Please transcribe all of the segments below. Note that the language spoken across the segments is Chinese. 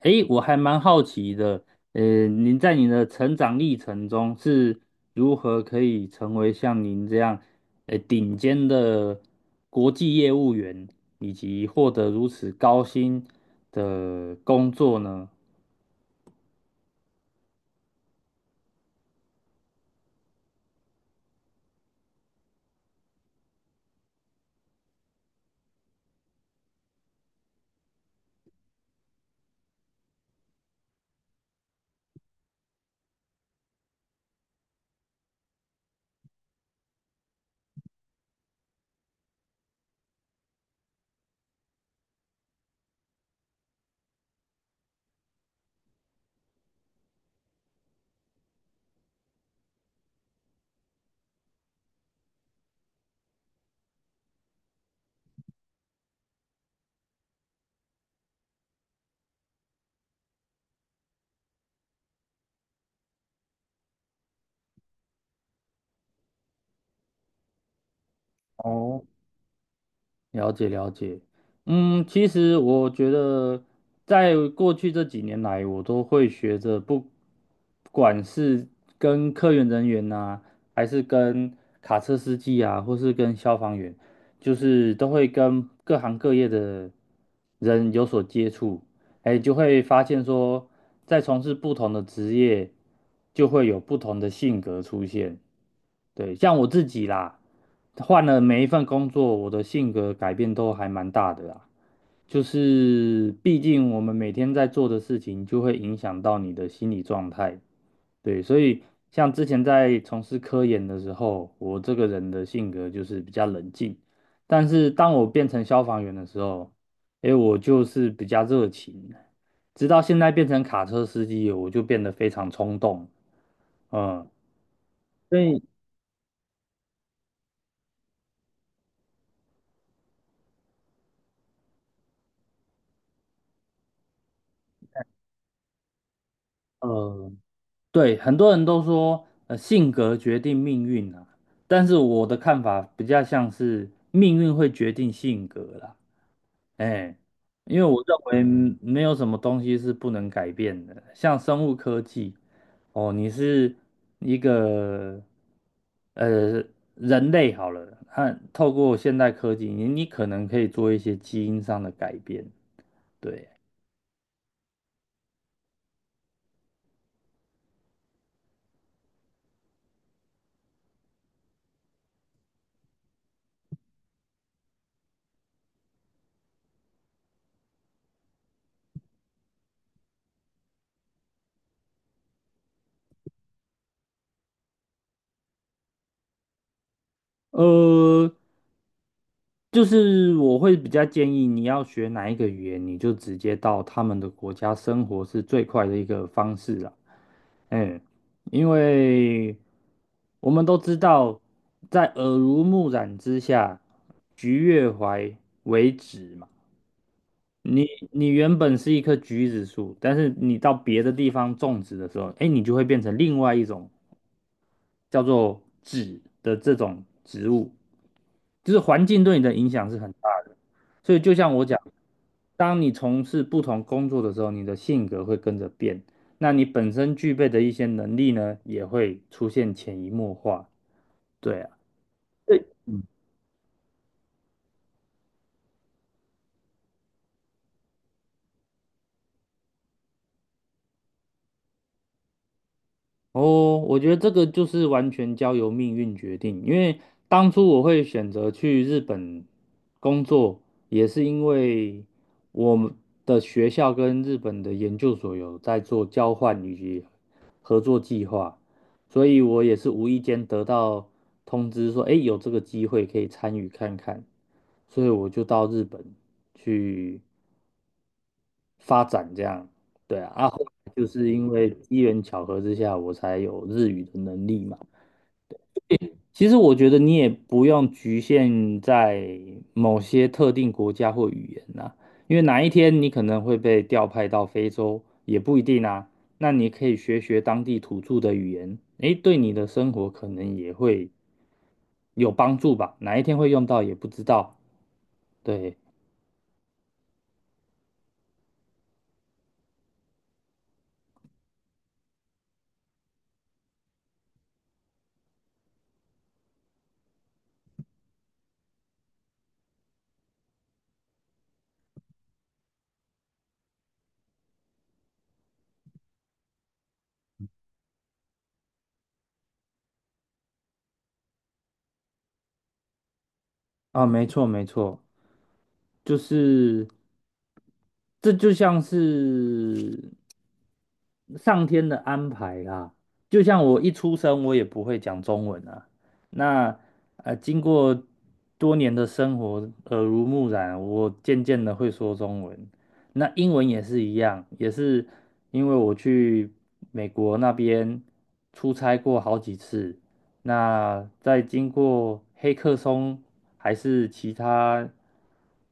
诶，我还蛮好奇的，您在您的成长历程中是如何可以成为像您这样，顶尖的国际业务员，以及获得如此高薪的工作呢？哦。了解了解，其实我觉得在过去这几年来，我都会学着不管是跟科研人员呐、还是跟卡车司机啊，或是跟消防员，就是都会跟各行各业的人有所接触，哎，就会发现说，在从事不同的职业，就会有不同的性格出现。对，像我自己啦，换了每一份工作，我的性格改变都还蛮大的啦。就是毕竟我们每天在做的事情，就会影响到你的心理状态。对，所以像之前在从事科研的时候，我这个人的性格就是比较冷静，但是当我变成消防员的时候，诶，我就是比较热情，直到现在变成卡车司机，我就变得非常冲动。嗯，所以呃。对，很多人都说，性格决定命运啊，但是我的看法比较像是命运会决定性格啦，哎，因为我认为没有什么东西是不能改变的，像生物科技，哦，你是一个呃人类好了，看透过现代科技，你可能可以做一些基因上的改变，对，呃。就是我会比较建议你要学哪一个语言，你就直接到他们的国家生活是最快的一个方式啦。嗯，因为我们都知道，在耳濡目染之下，橘越淮为枳嘛。你原本是一棵橘子树，但是你到别的地方种植的时候，哎，你就会变成另外一种叫做枳的这种植物。就是环境对你的影响是很大的。所以就像我讲，当你从事不同工作的时候，你的性格会跟着变，那你本身具备的一些能力呢，也会出现潜移默化。对啊，对，嗯哦，我觉得这个就是完全交由命运决定，因为当初我会选择去日本工作，也是因为我们的学校跟日本的研究所有在做交换以及合作计划，所以我也是无意间得到通知说，哎，有这个机会可以参与看看，所以我就到日本去发展这样，对啊，啊，后来就是因为机缘巧合之下，我才有日语的能力嘛。其实我觉得你也不用局限在某些特定国家或语言呐、因为哪一天你可能会被调派到非洲，也不一定啊。那你可以学学当地土著的语言，诶，对你的生活可能也会有帮助吧。哪一天会用到也不知道。对，啊，没错没错。就是这就像是上天的安排啦。就像我一出生，我也不会讲中文啊。那经过多年的生活耳濡目染，我渐渐的会说中文。那英文也是一样，也是因为我去美国那边出差过好几次，那在经过黑客松还是其他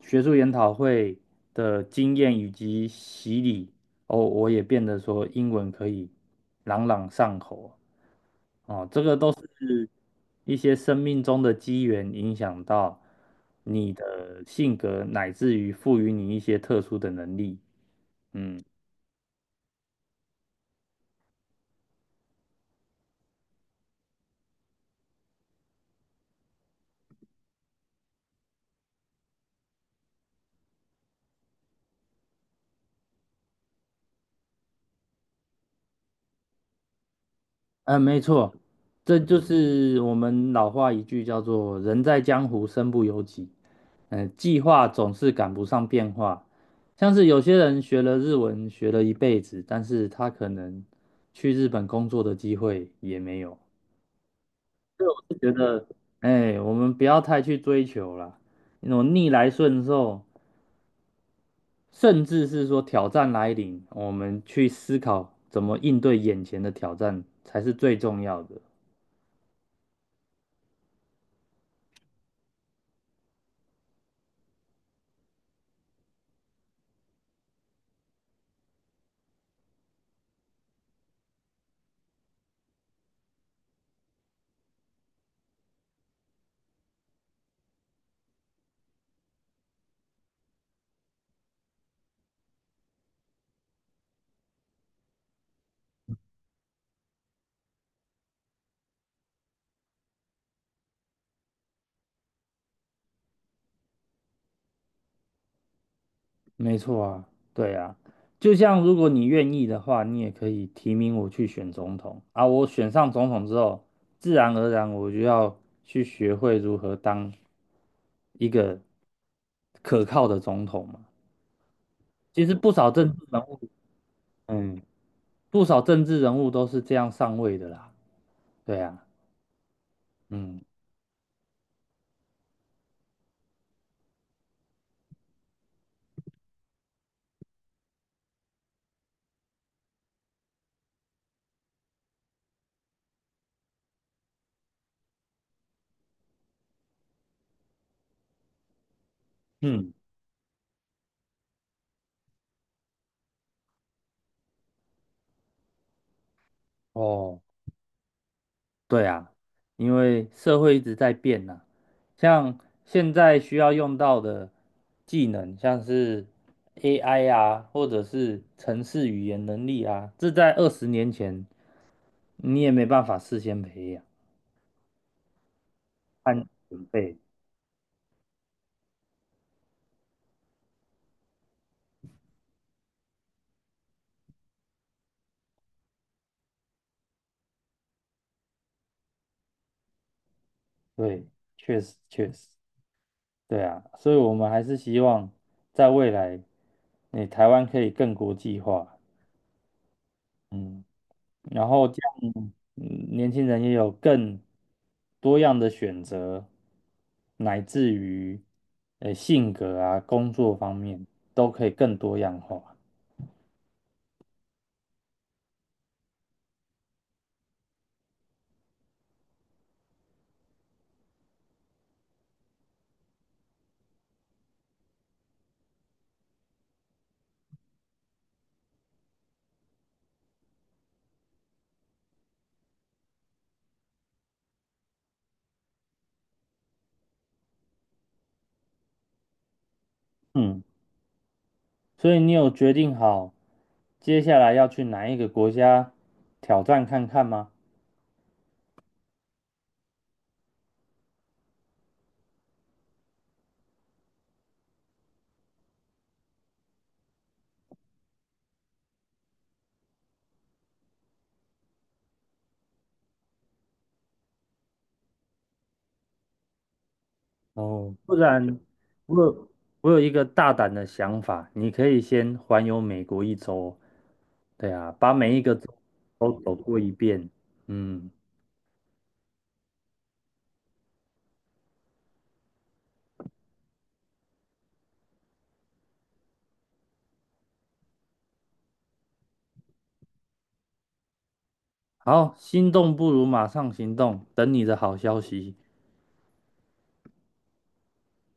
学术研讨会的经验以及洗礼，哦，我也变得说英文可以朗朗上口哦，这个都是一些生命中的机缘影响到你的性格，乃至于赋予你一些特殊的能力。嗯嗯，没错，这就是我们老话一句叫做"人在江湖身不由己"。计划总是赶不上变化，像是有些人学了日文学了一辈子，但是他可能去日本工作的机会也没有。我是觉得，哎，我们不要太去追求了，那种逆来顺受，甚至是说挑战来临，我们去思考怎么应对眼前的挑战才是最重要的。没错啊，对啊，就像如果你愿意的话，你也可以提名我去选总统啊。我选上总统之后，自然而然我就要去学会如何当一个可靠的总统嘛。其实不少政治人物，嗯，不少政治人物都是这样上位的啦。对啊，嗯嗯，哦。对啊，因为社会一直在变呐、像现在需要用到的技能，像是 AI 啊，或者是城市语言能力啊，这在20年前你也没办法事先培养和准备。对，确实确实，对啊，所以我们还是希望在未来，你台湾可以更国际化。嗯。然后这样，年轻人也有更多样的选择，乃至于性格啊、工作方面都可以更多样化。嗯，所以你有决定好接下来要去哪一个国家挑战看看吗？哦，不然我有我有一个大胆的想法，你可以先环游美国一周。对啊，把每一个州，嗯，好，心动不如马上行动，等你的好消息。